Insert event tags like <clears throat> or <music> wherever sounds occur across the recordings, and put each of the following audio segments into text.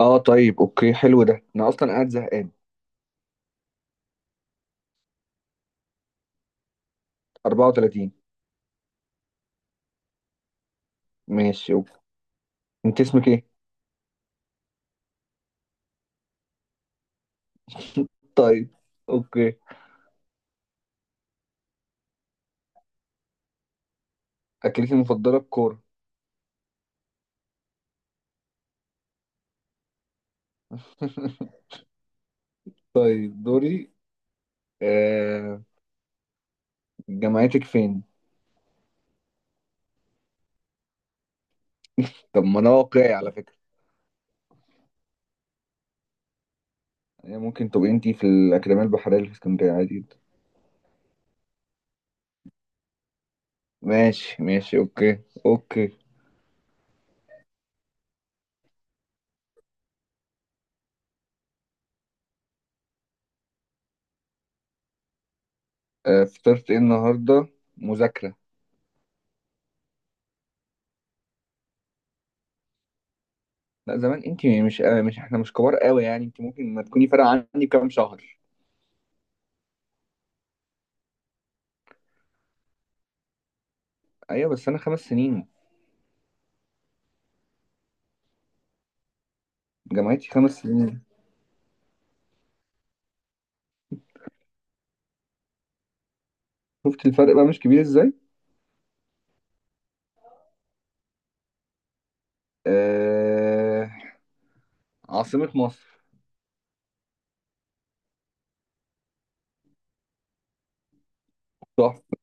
اه، طيب اوكي، حلو ده، انا اصلا قاعد زهقان. 34. ماشي اوكي. انت اسمك ايه؟ طيب اوكي. اكلتي المفضله الكوره. <laughs> طيب دوري. آه... جامعتك فين؟ طب ما انا واقعي على فكره، يعني ممكن تبقي انت في الاكاديميه البحريه اللي في اسكندريه، عادي جدا. ماشي ماشي اوكي. اوكي. فطرت ايه النهارده؟ مذاكره. لا زمان، انت مش مش احنا مش كبار قوي يعني، انت ممكن ما تكوني فارقه عني بكام شهر. ايوه بس انا خمس سنين، جامعتي خمس سنين. شفت الفرق بقى مش كبير ازاي؟ آه... عاصمة مصر؟ صح.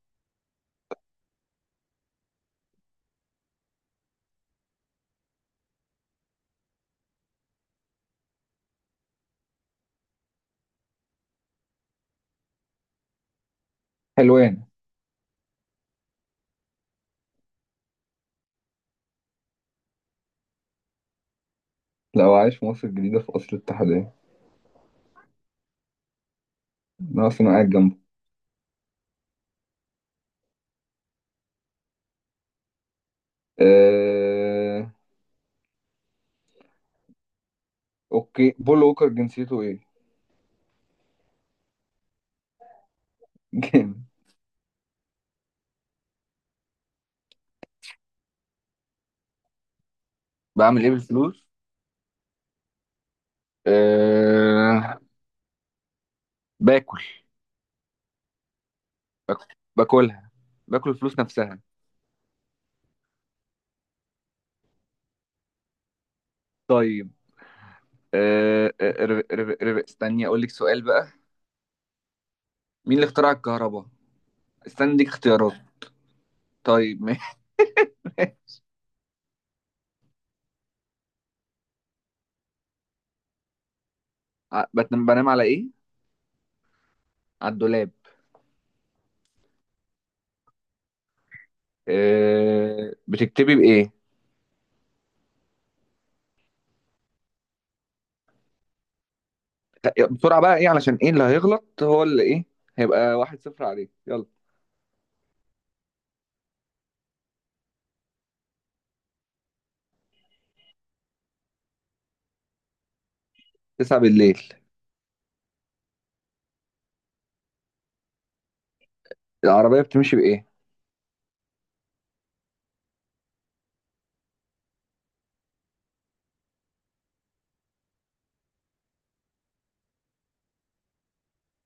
حلوان. لو عايش في مصر الجديدة، في أصل الاتحادية. أنا أصلا قاعد جنبه. آه... أوكي، بول ووكر جنسيته إيه؟ <laughs> جامد. بعمل ايه بالفلوس. أه. باكل. باكل. باكلها. باكل الفلوس نفسها. طيب. أه آه، رب- رب- رب- استني اقول لك سؤال بقى. مين اللي اخترع الكهرباء؟ استني اديك اختيارات. طيب. <laughs> ع- بتنام بنام على ايه؟ على الدولاب. بتكتبي بايه؟ بسرعه بقى، ايه علشان ايه اللي هيغلط، هو اللي ايه، هيبقى واحد صفر عليه، يلا. تسعة بالليل. العربيه بتمشي بايه؟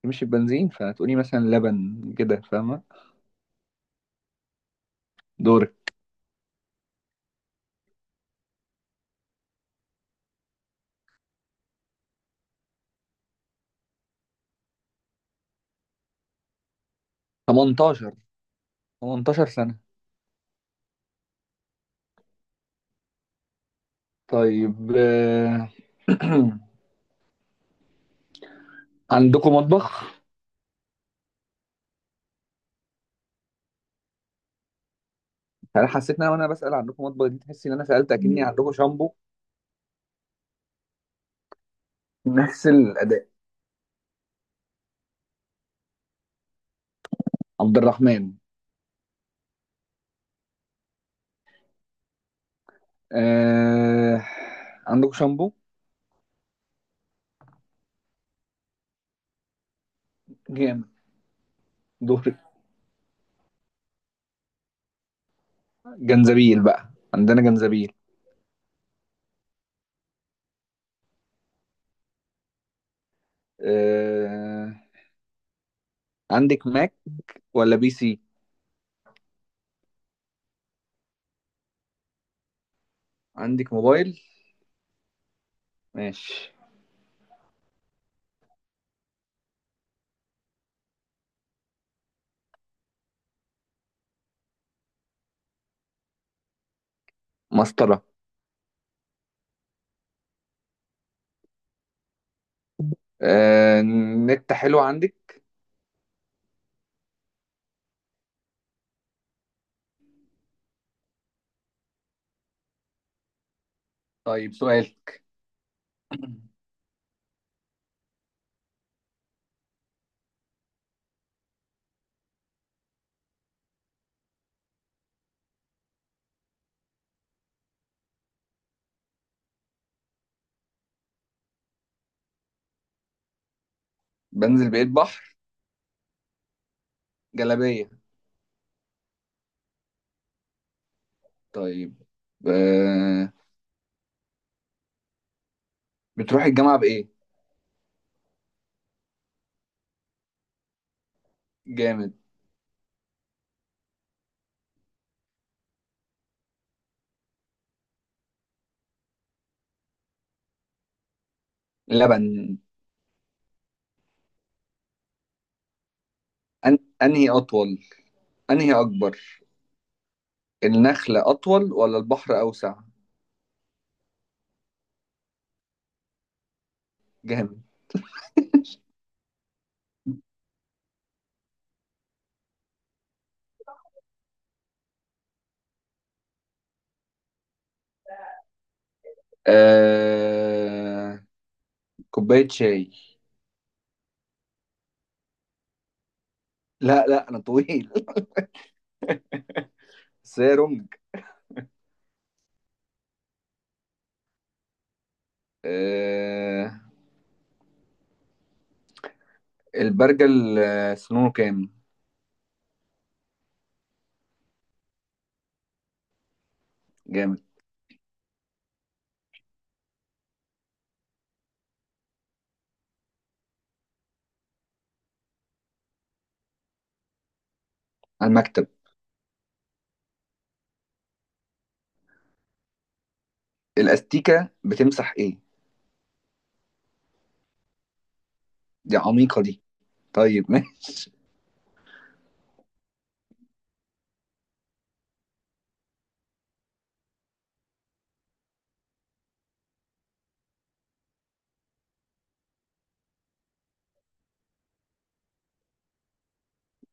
بتمشي ببنزين، فهتقولي مثلا لبن كده، فاهمه. دورك. 18. 18 سنه. طيب <clears throat> عندكم مطبخ؟ انا حسيت ان انا وانا بسال عندكم مطبخ دي، تحسي ان انا سالت اكني عندكم شامبو. نفس الاداء. عبد الرحمن. آه... عندكم شامبو؟ جامد. دور. جنزبيل بقى، عندنا جنزبيل. آه... عندك ماك ولا بي سي؟ عندك موبايل. ماشي. مسطرة. آه... نت حلو عندك؟ طيب سؤال. <clears throat> بنزل بقيت بحر. جلابية. طيب. آه... بتروح الجامعة بإيه؟ جامد. لبن. أنهي أطول، أنهي أكبر، النخلة أطول ولا البحر أوسع؟ جامد. آه... كوباية شاي. لا لا أنا طويل. <laughs> سيرم. آه، البرجل سنونه كام؟ جامد. على المكتب. الاستيكه بتمسح ايه؟ دي عميقه دي. طيب ماشي. <laughs>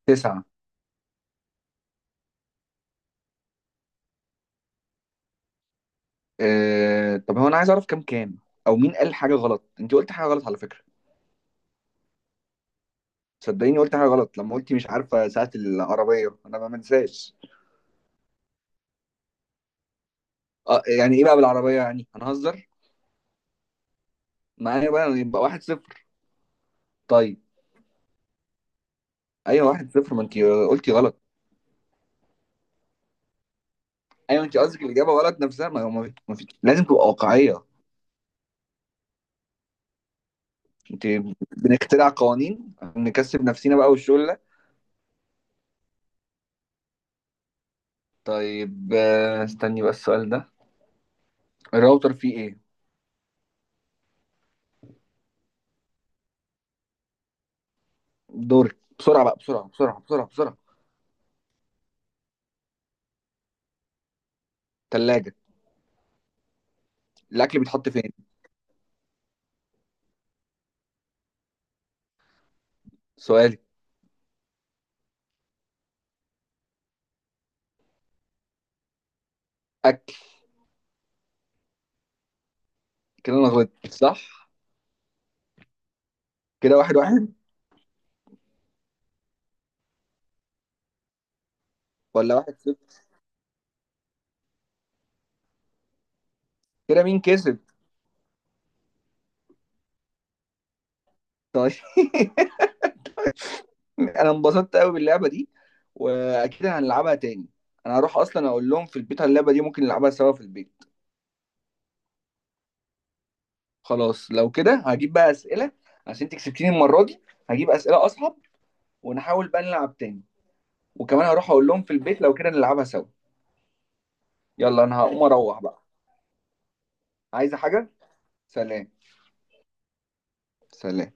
تسعة. طب هو انا عايز اعرف كام، او مين قال حاجه غلط؟ انت قلت حاجه غلط على فكره. صدقيني قلت حاجه غلط، لما قلتي مش عارفه ساعه العربيه، انا ما منساش. يعني ايه بقى بالعربيه يعني، هنهزر معايا بقى؟ يبقى واحد صفر. طيب. ايوه واحد صفر، ما انت قلتي غلط. ايوه، انت قصدك الاجابه غلط نفسها، ما هو ما في لازم تبقى واقعيه. انت بنخترع قوانين عشان نكسب نفسينا بقى والشغل ده. طيب استني بقى السؤال ده. الراوتر فيه ايه؟ دورك، بسرعه بقى بسرعه بسرعه بسرعه بسرعه. ثلاجه. الاكل بيتحط فين؟ سؤالي. اكل. كده انا غلطت صح. كده واحد واحد. ولا واحد صفر. كده مين كسب؟ طيب. <laughs> انا انبسطت قوي باللعبه دي، واكيد هنلعبها تاني. انا هروح اصلا اقول لهم في البيت على اللعبه دي، ممكن نلعبها سوا في البيت. خلاص لو كده هجيب بقى اسئله، عشان انت كسبتيني المره دي. هجيب اسئله اصعب، ونحاول بقى نلعب تاني. وكمان هروح اقول لهم في البيت، لو كده نلعبها سوا. يلا انا هقوم اروح بقى. عايزة حاجة؟ سلام. سلام.